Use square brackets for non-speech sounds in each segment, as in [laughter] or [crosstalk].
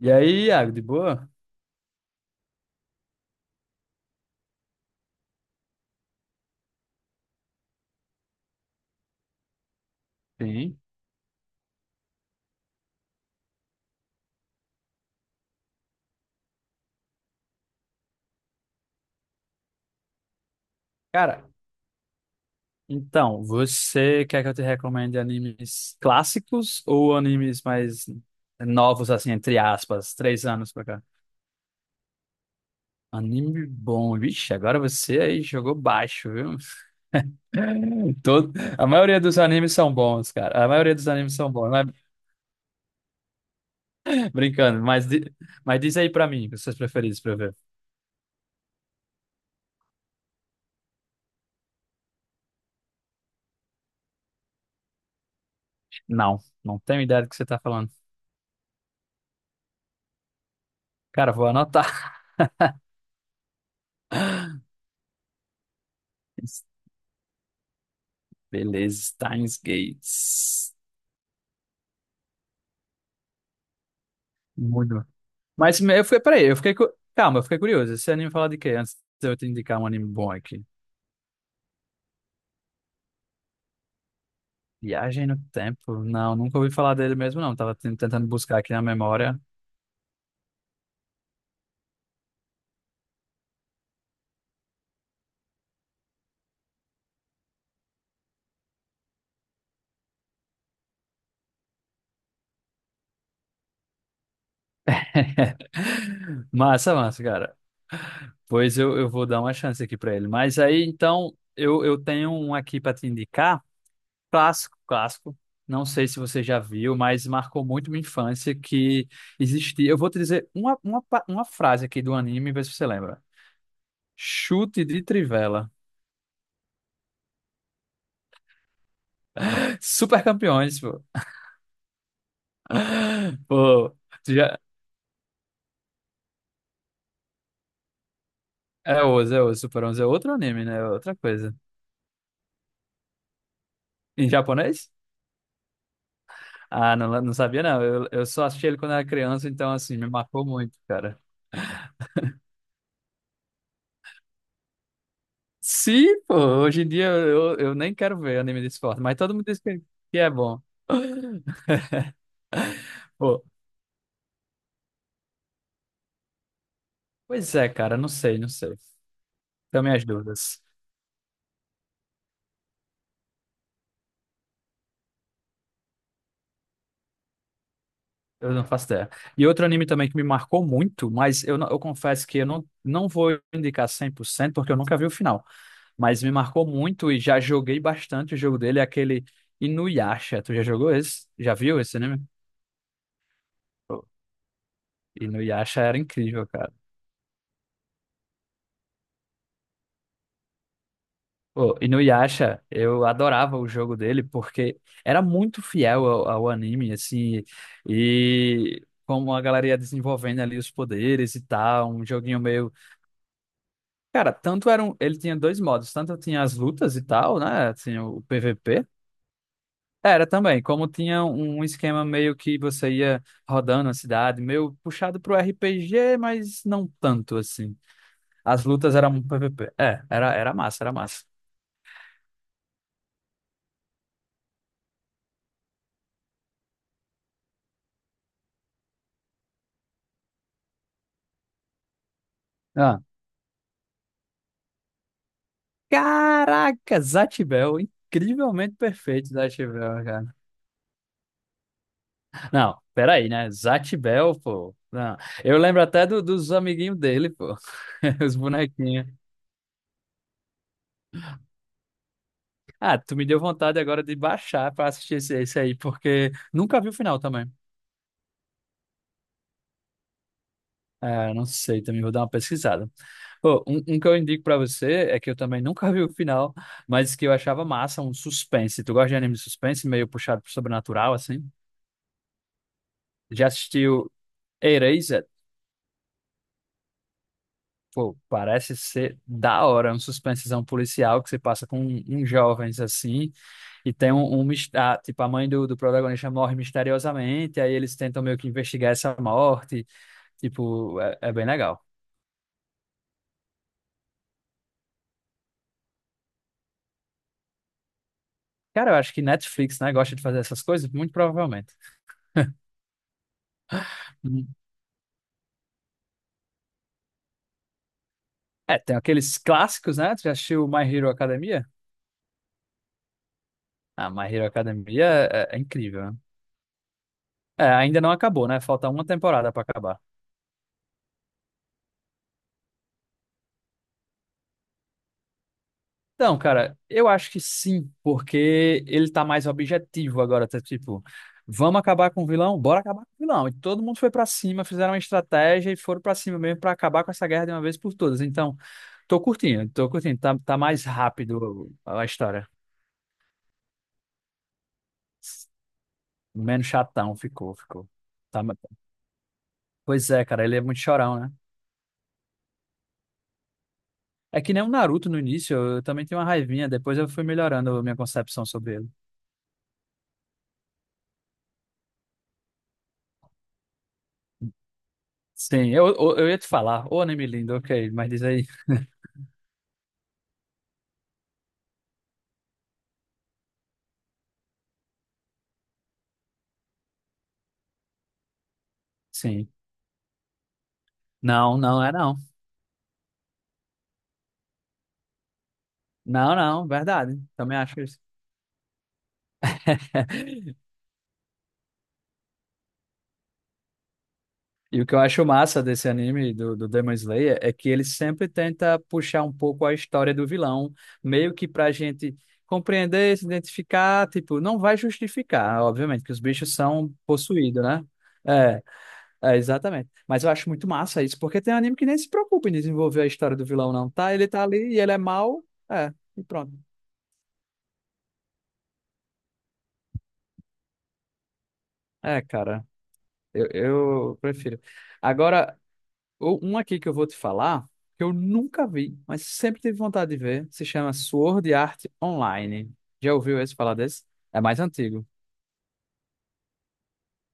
E aí, Iago, de boa? Sim. Cara, então, você quer que eu te recomende animes clássicos ou animes mais novos, assim, entre aspas, três anos pra cá? Anime bom, vixe, agora você aí jogou baixo, viu? [laughs] Todo... A maioria dos animes são bons, cara. A maioria dos animes são bons, mas [laughs] brincando, mas, mas diz aí pra mim, os seus preferidos pra eu ver. Não, não tenho ideia do que você tá falando. Cara, vou anotar. [laughs] Beleza, Steins Gates. Muito. Mas eu fiquei, peraí, eu fiquei. Calma, eu fiquei curioso. Esse anime fala de quê? Antes de eu te indicar um anime bom aqui. Viagem no Tempo? Não, nunca ouvi falar dele mesmo, não. Tava tentando buscar aqui na memória. [laughs] Massa, massa, cara. Pois eu, vou dar uma chance aqui pra ele. Mas aí, então, eu, tenho um aqui pra te indicar. Clássico, clássico. Não sei se você já viu, mas marcou muito minha infância que existia. Eu vou te dizer uma, uma frase aqui do anime, ver se você lembra. Chute de trivela. Super Campeões, pô. Pô, tu já... É Oz, é Oz. Super 11 é outro anime, né? É outra coisa. Em japonês? Ah, não, não sabia, não. Eu, só assisti ele quando era criança, então, assim, me marcou muito, cara. Sim, pô. Hoje em dia eu, nem quero ver anime de esporte, mas todo mundo diz que é bom. Pô, pois é, cara. Não sei, não sei. Também as dúvidas. Eu não faço ideia. E outro anime também que me marcou muito, mas eu, eu confesso que eu não, não vou indicar 100% porque eu nunca vi o final. Mas me marcou muito e já joguei bastante o jogo dele, é aquele Inuyasha. Tu já jogou esse? Já viu esse anime? Pô, Inuyasha era incrível, cara. Pô, Inuyasha, eu adorava o jogo dele porque era muito fiel ao, ao anime, assim, e como a galera ia desenvolvendo ali os poderes e tal, um joguinho meio... Cara, tanto era um... ele tinha dois modos, tanto tinha as lutas e tal, né, tinha o PVP. Era também, como tinha um esquema meio que você ia rodando a cidade, meio puxado pro RPG, mas não tanto assim. As lutas eram um PVP. É, era, era massa, era massa. Ah. Caraca, Zatibel, incrivelmente perfeito Zatibel, cara. Não, peraí, né? Zatibel, pô. Não. Eu lembro até dos amiguinhos dele, pô. [laughs] Os bonequinhos. Ah, tu me deu vontade agora de baixar pra assistir esse, esse aí, porque nunca vi o final também. Ah, não sei, também vou dar uma pesquisada. Pô, um, que eu indico pra você é que eu também nunca vi o final, mas que eu achava massa, um suspense. Tu gosta de anime de suspense, meio puxado pro sobrenatural, assim? Já assistiu Erased? Pô, parece ser da hora, é um suspensezão policial que você passa com um, uns jovens, assim, e tem um, um ah, tipo, a mãe do, do protagonista morre misteriosamente, aí eles tentam meio que investigar essa morte, tipo, é, é bem legal. Cara, eu acho que Netflix, né, gosta de fazer essas coisas, muito provavelmente. É, tem aqueles clássicos, né? Tu já assistiu My Hero Academia? Ah, My Hero Academia é, é incrível, né? É, ainda não acabou, né? Falta uma temporada pra acabar. Então, cara, eu acho que sim, porque ele tá mais objetivo agora, tá tipo, vamos acabar com o vilão? Bora acabar com o vilão. E todo mundo foi pra cima, fizeram uma estratégia e foram pra cima mesmo pra acabar com essa guerra de uma vez por todas. Então, tô curtindo, tô curtindo. Tá, tá mais rápido a história. Menos chatão ficou, ficou. Tá- pois é, cara, ele é muito chorão, né? É que nem o Naruto no início, eu também tinha uma raivinha, depois eu fui melhorando a minha concepção sobre ele. Sim, eu, ia te falar, ô anime lindo, ok, mas diz aí. [laughs] Sim. Não, não é não. Não, não, verdade. Também acho isso. [laughs] E o que eu acho massa desse anime do, do Demon Slayer é que ele sempre tenta puxar um pouco a história do vilão, meio que pra gente compreender, se identificar, tipo, não vai justificar, obviamente, que os bichos são possuídos, né? É. É, exatamente. Mas eu acho muito massa isso, porque tem anime que nem se preocupa em desenvolver a história do vilão, não. Tá, ele tá ali e ele é mau, é, e pronto. É, cara, eu, prefiro. Agora, um aqui que eu vou te falar, que eu nunca vi, mas sempre tive vontade de ver, se chama Sword Art Online. Já ouviu esse falar desse? É mais antigo.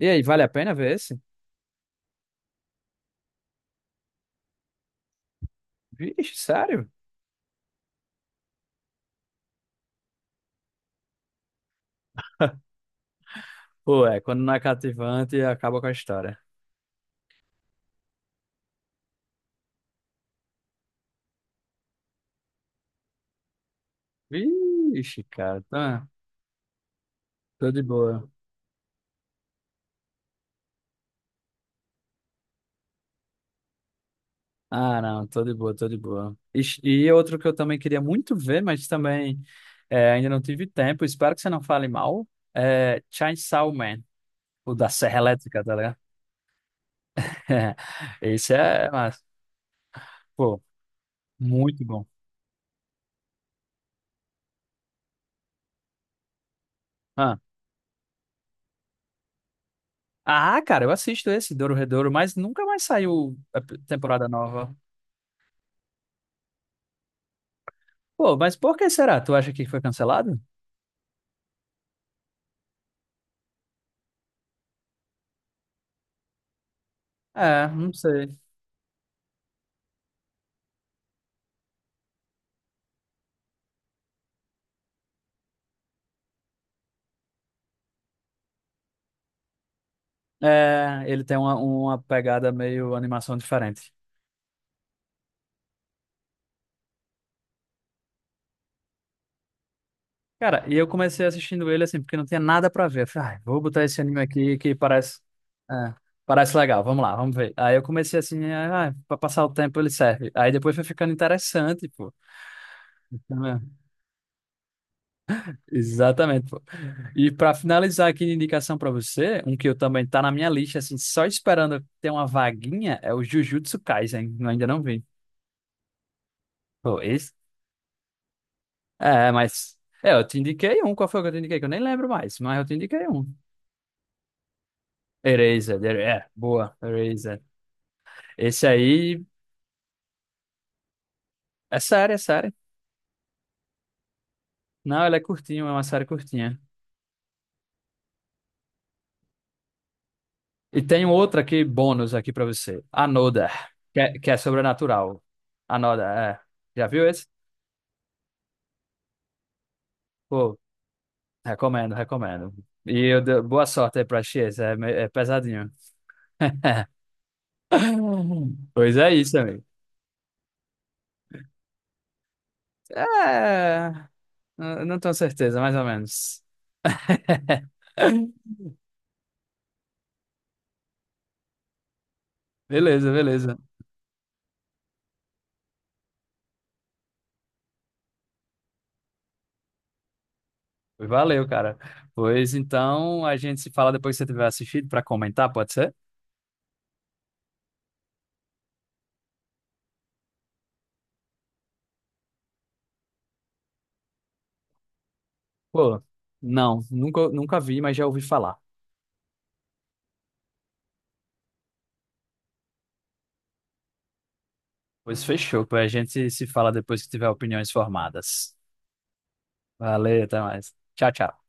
E aí, vale a pena ver esse? Vixe, sério? Pô, é, quando não é cativante, acaba com a história. Vixe, cara, tá, tô de boa. Ah, não, tô de boa, tô de boa. E outro que eu também queria muito ver, mas também é, ainda não tive tempo, espero que você não fale mal, é Chainsaw Man, o da Serra Elétrica, tá ligado? [laughs] Esse é, mas, pô, muito bom. Ah, ah, cara, eu assisto esse, Dororedoro, mas nunca mais saiu a temporada nova. Pô, mas por que será? Tu acha que foi cancelado? É, não sei. É, ele tem uma pegada meio animação diferente. Cara, e eu comecei assistindo ele assim, porque não tinha nada pra ver. Eu falei, ai, vou botar esse anime aqui que parece, é, parece legal, vamos lá, vamos ver. Aí eu comecei assim, ah, pra passar o tempo ele serve. Aí depois foi ficando interessante, pô. É, exatamente, pô. E pra finalizar aqui de indicação pra você, um que eu também tá na minha lista, assim, só esperando ter uma vaguinha, é o Jujutsu Kaisen, eu ainda não vi. Pô, esse? É, mas. É, eu te indiquei um, qual foi que eu te indiquei? Que eu nem lembro mais, mas eu te indiquei um. Eraser, é, boa, Eraser. Esse aí é série, é série. Não, ela é curtinha, é uma série curtinha. E tem outra aqui, bônus aqui pra você. Another, que é sobrenatural. Another, é. Já viu esse? Pô, recomendo, recomendo. E eu boa sorte aí pra X, é, é pesadinho. [laughs] Pois é isso, amigo. É, não tenho certeza, mais ou menos. [laughs] Beleza, beleza. Valeu, cara. Pois então, a gente se fala depois que você tiver assistido pra comentar, pode ser? Pô, não, nunca, nunca vi, mas já ouvi falar. Pois fechou, pô, a gente se fala depois que tiver opiniões formadas. Valeu, até mais. Tchau, tchau.